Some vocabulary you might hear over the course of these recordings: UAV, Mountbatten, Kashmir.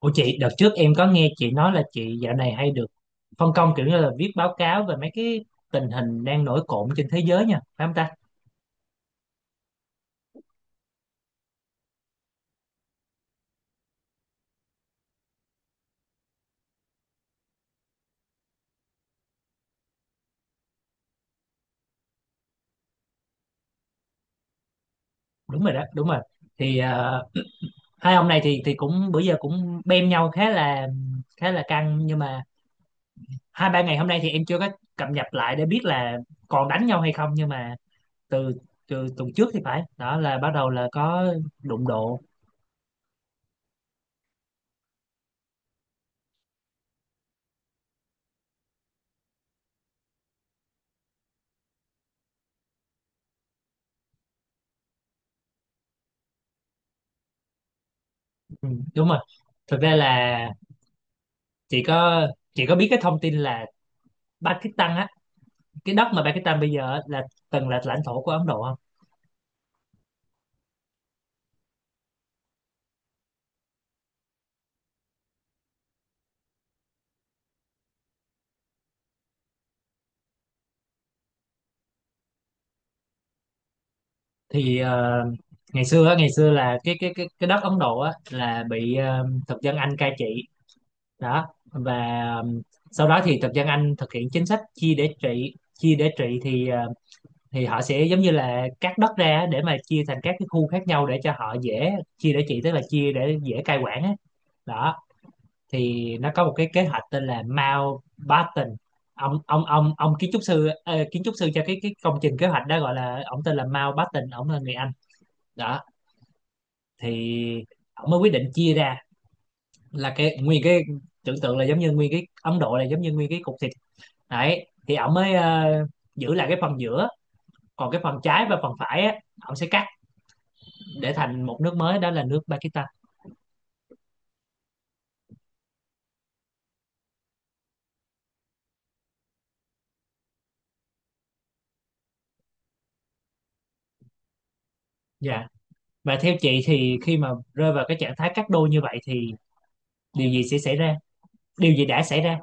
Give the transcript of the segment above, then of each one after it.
Ủa chị, đợt trước em có nghe chị nói là chị dạo này hay được phân công kiểu như là viết báo cáo về mấy cái tình hình đang nổi cộm trên thế giới nha, phải không ta? Đúng rồi đó, đúng rồi. Thì hai ông này thì cũng bữa giờ cũng bem nhau khá là căng, nhưng mà hai ba ngày hôm nay thì em chưa có cập nhật lại để biết là còn đánh nhau hay không, nhưng mà từ từ tuần trước thì phải, đó là bắt đầu là có đụng độ. Ừ, đúng rồi. Thực ra là chị có chị có biết cái thông tin là Pakistan á, cái đất mà Pakistan bây giờ á, là từng là lãnh thổ của Ấn Độ không? Thì ngày xưa á, ngày xưa là cái đất Ấn Độ á, là bị thực dân Anh cai trị, đó. Và ờ, sau đó thì thực dân Anh thực hiện chính sách Chia để trị thì thì họ sẽ giống như là cắt đất ra á, để mà chia thành các cái khu khác nhau để cho họ dễ chia để trị, tức là chia để dễ cai quản á, đó. Thì nó có một cái kế hoạch tên là Mountbatten. Ông kiến trúc sư, kiến trúc sư cho cái công trình kế hoạch đó, gọi là ông tên là Mountbatten, ông là người Anh, đó. Thì ông mới quyết định chia ra là cái nguyên cái tưởng tượng là giống như nguyên cái Ấn Độ là giống như nguyên cái cục thịt đấy, thì ông mới giữ lại cái phần giữa, còn cái phần trái và phần phải á, ông sẽ cắt để thành một nước mới, đó là nước Pakistan. Dạ. Và theo chị thì khi mà rơi vào cái trạng thái cắt đôi như vậy thì điều gì sẽ xảy ra, điều gì đã xảy ra?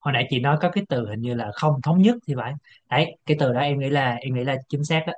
Hồi nãy chị nói có cái từ hình như là không thống nhất thì phải, đấy cái từ đó em nghĩ là chính xác đó.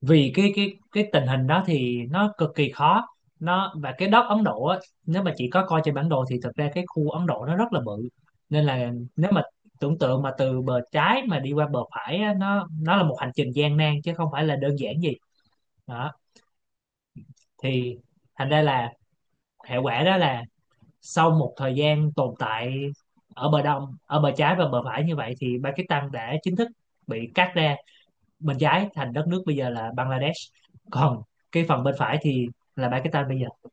Vì cái tình hình đó thì nó cực kỳ khó. Nó và cái đất Ấn Độ á, nếu mà chị có coi trên bản đồ thì thực ra cái khu Ấn Độ nó rất là bự, nên là nếu mà tưởng tượng mà từ bờ trái mà đi qua bờ phải á, nó là một hành trình gian nan chứ không phải là đơn giản gì, đó. Thì thành ra là hệ quả đó là sau một thời gian tồn tại ở bờ đông, ở bờ trái và bờ phải như vậy thì Pakistan đã chính thức bị cắt ra. Bên trái thành đất nước bây giờ là Bangladesh, còn cái phần bên phải thì là Pakistan bây giờ.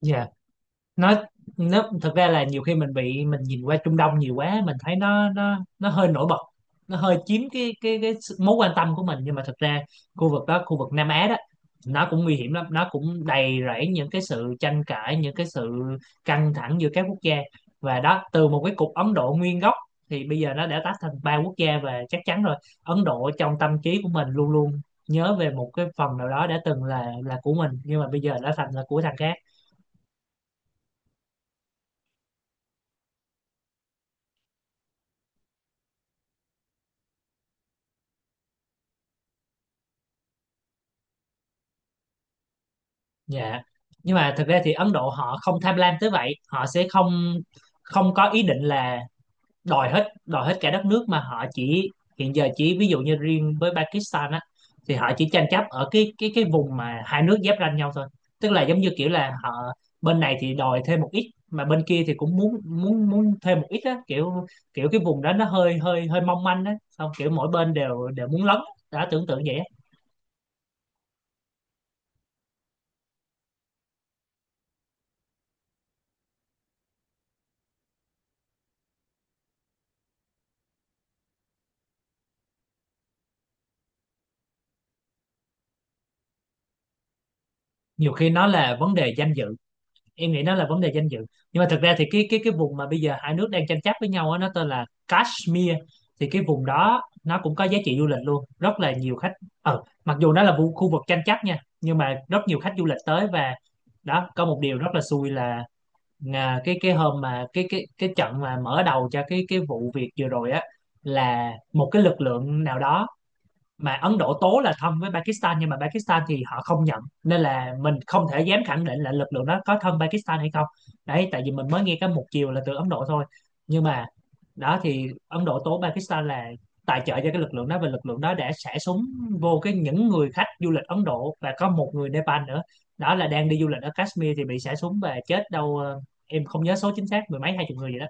Dạ. nó nó thực ra là nhiều khi mình bị mình nhìn qua Trung Đông nhiều quá, mình thấy nó nó hơi nổi bật, nó hơi chiếm cái mối quan tâm của mình, nhưng mà thực ra khu vực đó, khu vực Nam Á đó, nó cũng nguy hiểm lắm, nó cũng đầy rẫy những cái sự tranh cãi, những cái sự căng thẳng giữa các quốc gia. Và đó, từ một cái cục Ấn Độ nguyên gốc thì bây giờ nó đã tách thành ba quốc gia, và chắc chắn rồi, Ấn Độ trong tâm trí của mình luôn luôn nhớ về một cái phần nào đó đã từng là của mình nhưng mà bây giờ đã thành là của thằng khác. Dạ. Nhưng mà thực ra thì Ấn Độ họ không tham lam tới vậy, họ sẽ không không có ý định là đòi hết cả đất nước, mà họ chỉ hiện giờ chỉ ví dụ như riêng với Pakistan á, thì họ chỉ tranh chấp ở cái vùng mà hai nước giáp ranh nhau thôi. Tức là giống như kiểu là họ bên này thì đòi thêm một ít mà bên kia thì cũng muốn muốn muốn thêm một ít á, kiểu kiểu cái vùng đó nó hơi hơi hơi mong manh á, xong kiểu mỗi bên đều đều muốn lấn. Đã tưởng tượng vậy á. Nhiều khi nó là vấn đề danh dự, em nghĩ nó là vấn đề danh dự, nhưng mà thực ra thì cái vùng mà bây giờ hai nước đang tranh chấp với nhau á, nó tên là Kashmir. Thì cái vùng đó nó cũng có giá trị du lịch luôn, rất là nhiều khách. Mặc dù nó là khu vực tranh chấp nha, nhưng mà rất nhiều khách du lịch tới. Và đó, có một điều rất là xui là, cái hôm mà cái trận mà mở đầu cho cái vụ việc vừa rồi á, là một cái lực lượng nào đó mà Ấn Độ tố là thân với Pakistan, nhưng mà Pakistan thì họ không nhận, nên là mình không thể dám khẳng định là lực lượng đó có thân Pakistan hay không, đấy tại vì mình mới nghe cái một chiều là từ Ấn Độ thôi. Nhưng mà đó, thì Ấn Độ tố Pakistan là tài trợ cho cái lực lượng đó, và lực lượng đó đã xả súng vô cái những người khách du lịch Ấn Độ, và có một người Nepal nữa đó, là đang đi du lịch ở Kashmir thì bị xả súng và chết, đâu em không nhớ số chính xác, mười mấy hai chục người gì đó.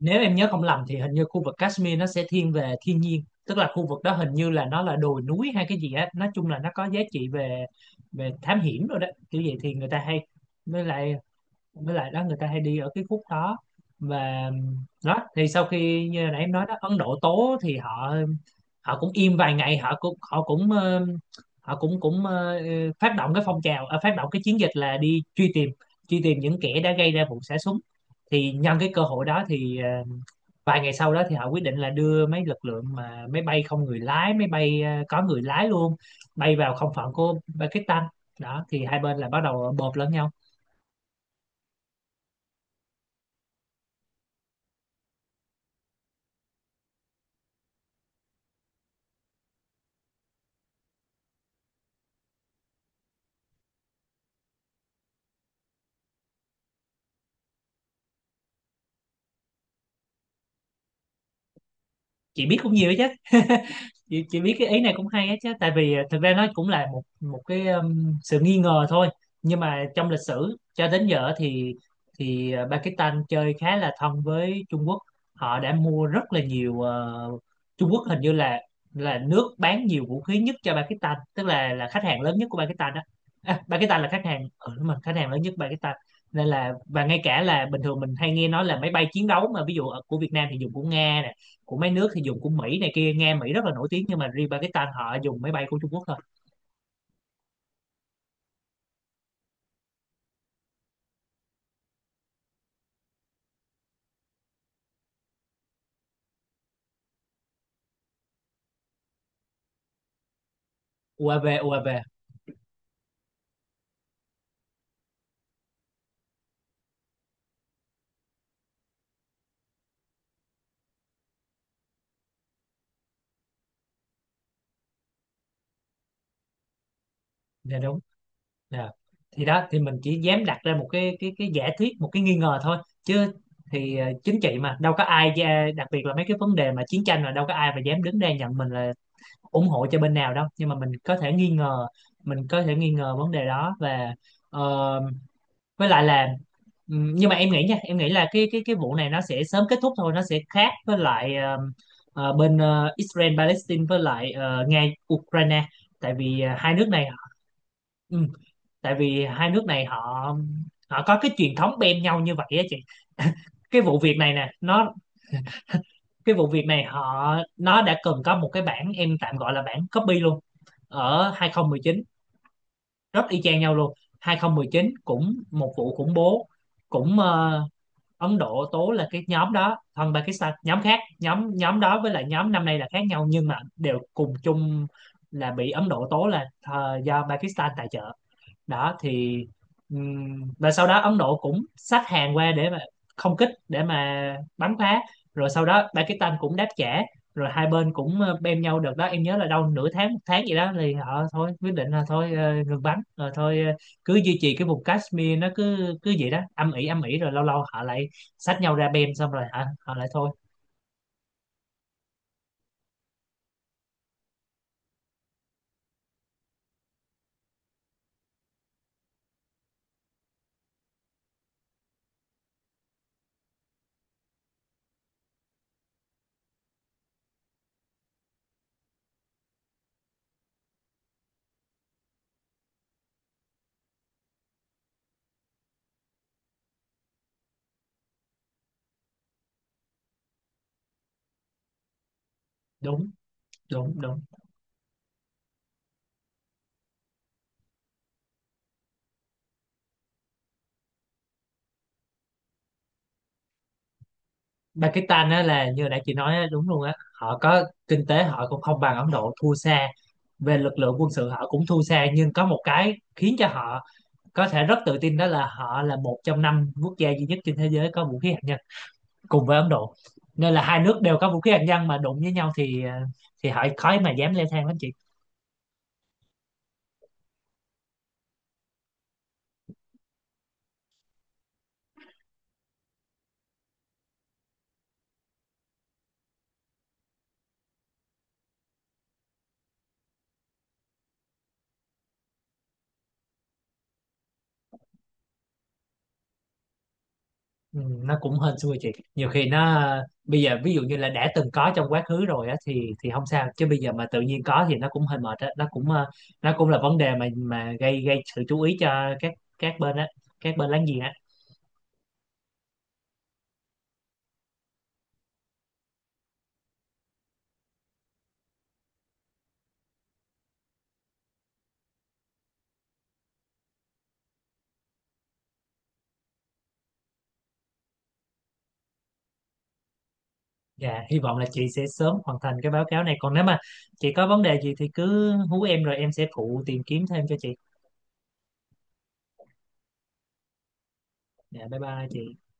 Nếu em nhớ không lầm thì hình như khu vực Kashmir nó sẽ thiên về thiên nhiên, tức là khu vực đó hình như là nó là đồi núi hay cái gì á, nói chung là nó có giá trị về về thám hiểm rồi đó, kiểu vậy thì người ta hay, với lại đó người ta hay đi ở cái khúc đó. Và đó, thì sau khi như nãy em nói đó, Ấn Độ tố thì họ họ cũng im vài ngày, họ cũng cũng ờ, phát động cái phong trào, phát động cái chiến dịch là đi truy tìm, những kẻ đã gây ra vụ xả súng. Thì nhân cái cơ hội đó thì vài ngày sau đó thì họ quyết định là đưa mấy lực lượng mà máy bay không người lái, máy bay có người lái luôn, bay vào không phận của Pakistan. Đó thì hai bên là bắt đầu bộp lẫn nhau. Chị biết cũng nhiều chứ. Chị biết cái ý này cũng hay á chứ, tại vì thực ra nó cũng là một một cái sự nghi ngờ thôi. Nhưng mà trong lịch sử cho đến giờ thì Pakistan chơi khá là thân với Trung Quốc. Họ đã mua rất là nhiều, Trung Quốc hình như là nước bán nhiều vũ khí nhất cho Pakistan, tức là khách hàng lớn nhất của Pakistan đó. À, Pakistan là khách hàng, ừ, đúng rồi, khách hàng lớn nhất Pakistan. Nên là, và ngay cả là bình thường mình hay nghe nói là máy bay chiến đấu mà ví dụ ở của Việt Nam thì dùng của Nga nè, của mấy nước thì dùng của Mỹ này kia, nghe Mỹ rất là nổi tiếng, nhưng mà riêng Pakistan họ dùng máy bay của Trung Quốc thôi. UAV UAV, dạ đúng. Dạ. Thì đó thì mình chỉ dám đặt ra một cái giả thuyết, một cái nghi ngờ thôi chứ. Thì chính trị mà đâu có ai đặc biệt là mấy cái vấn đề mà chiến tranh là đâu có ai mà dám đứng ra nhận mình là ủng hộ cho bên nào đâu, nhưng mà mình có thể nghi ngờ, vấn đề đó. Và ờ, với lại là, nhưng mà em nghĩ nha, em nghĩ là cái vụ này nó sẽ sớm kết thúc thôi, nó sẽ khác với lại bên Israel Palestine, với lại Nga Ukraine. Tại vì hai nước này, ừm, tại vì hai nước này họ họ có cái truyền thống bem nhau như vậy á chị. cái vụ việc này nè nó cái vụ việc này họ, nó đã từng có một cái bản em tạm gọi là bản copy luôn, ở 2019, rất y chang nhau luôn. 2019 cũng một vụ khủng bố, cũng Ấn Độ Tố là cái nhóm đó, còn Pakistan nhóm khác, nhóm nhóm đó với lại nhóm năm nay là khác nhau nhưng mà đều cùng chung là bị Ấn Độ Tố là do Pakistan tài trợ, đó. Thì và sau đó Ấn Độ cũng xách hàng qua để mà không kích, để mà bắn phá, rồi sau đó Pakistan cũng đáp trả, rồi hai bên cũng bem nhau được đó em nhớ là đâu nửa tháng một tháng gì đó thì họ thôi, quyết định là thôi, ngừng bắn, rồi thôi, cứ duy trì cái vùng Kashmir nó cứ cứ vậy đó, âm ỉ rồi lâu lâu họ lại xách nhau ra bem, xong rồi hả họ lại thôi. Đúng đúng đúng. Pakistan á, là như nãy chị nói á, đúng luôn á, họ có kinh tế họ cũng không bằng Ấn Độ, thua xa, về lực lượng quân sự họ cũng thua xa, nhưng có một cái khiến cho họ có thể rất tự tin đó là họ là một trong năm quốc gia duy nhất trên thế giới có vũ khí hạt nhân, cùng với Ấn Độ. Nên là hai nước đều có vũ khí hạt nhân mà đụng với nhau thì thì họ khó mà dám leo thang lắm chị. Ừ, nó cũng hên xui chị, nhiều khi nó bây giờ ví dụ như là đã từng có trong quá khứ rồi á thì không sao, chứ bây giờ mà tự nhiên có thì nó cũng hơi mệt á, nó cũng nó cũng là vấn đề mà gây gây sự chú ý cho các bên á, các bên láng giềng á. Dạ hy vọng là chị sẽ sớm hoàn thành cái báo cáo này, còn nếu mà chị có vấn đề gì thì cứ hú em rồi em sẽ phụ tìm kiếm thêm cho chị. Dạ bye bye chị.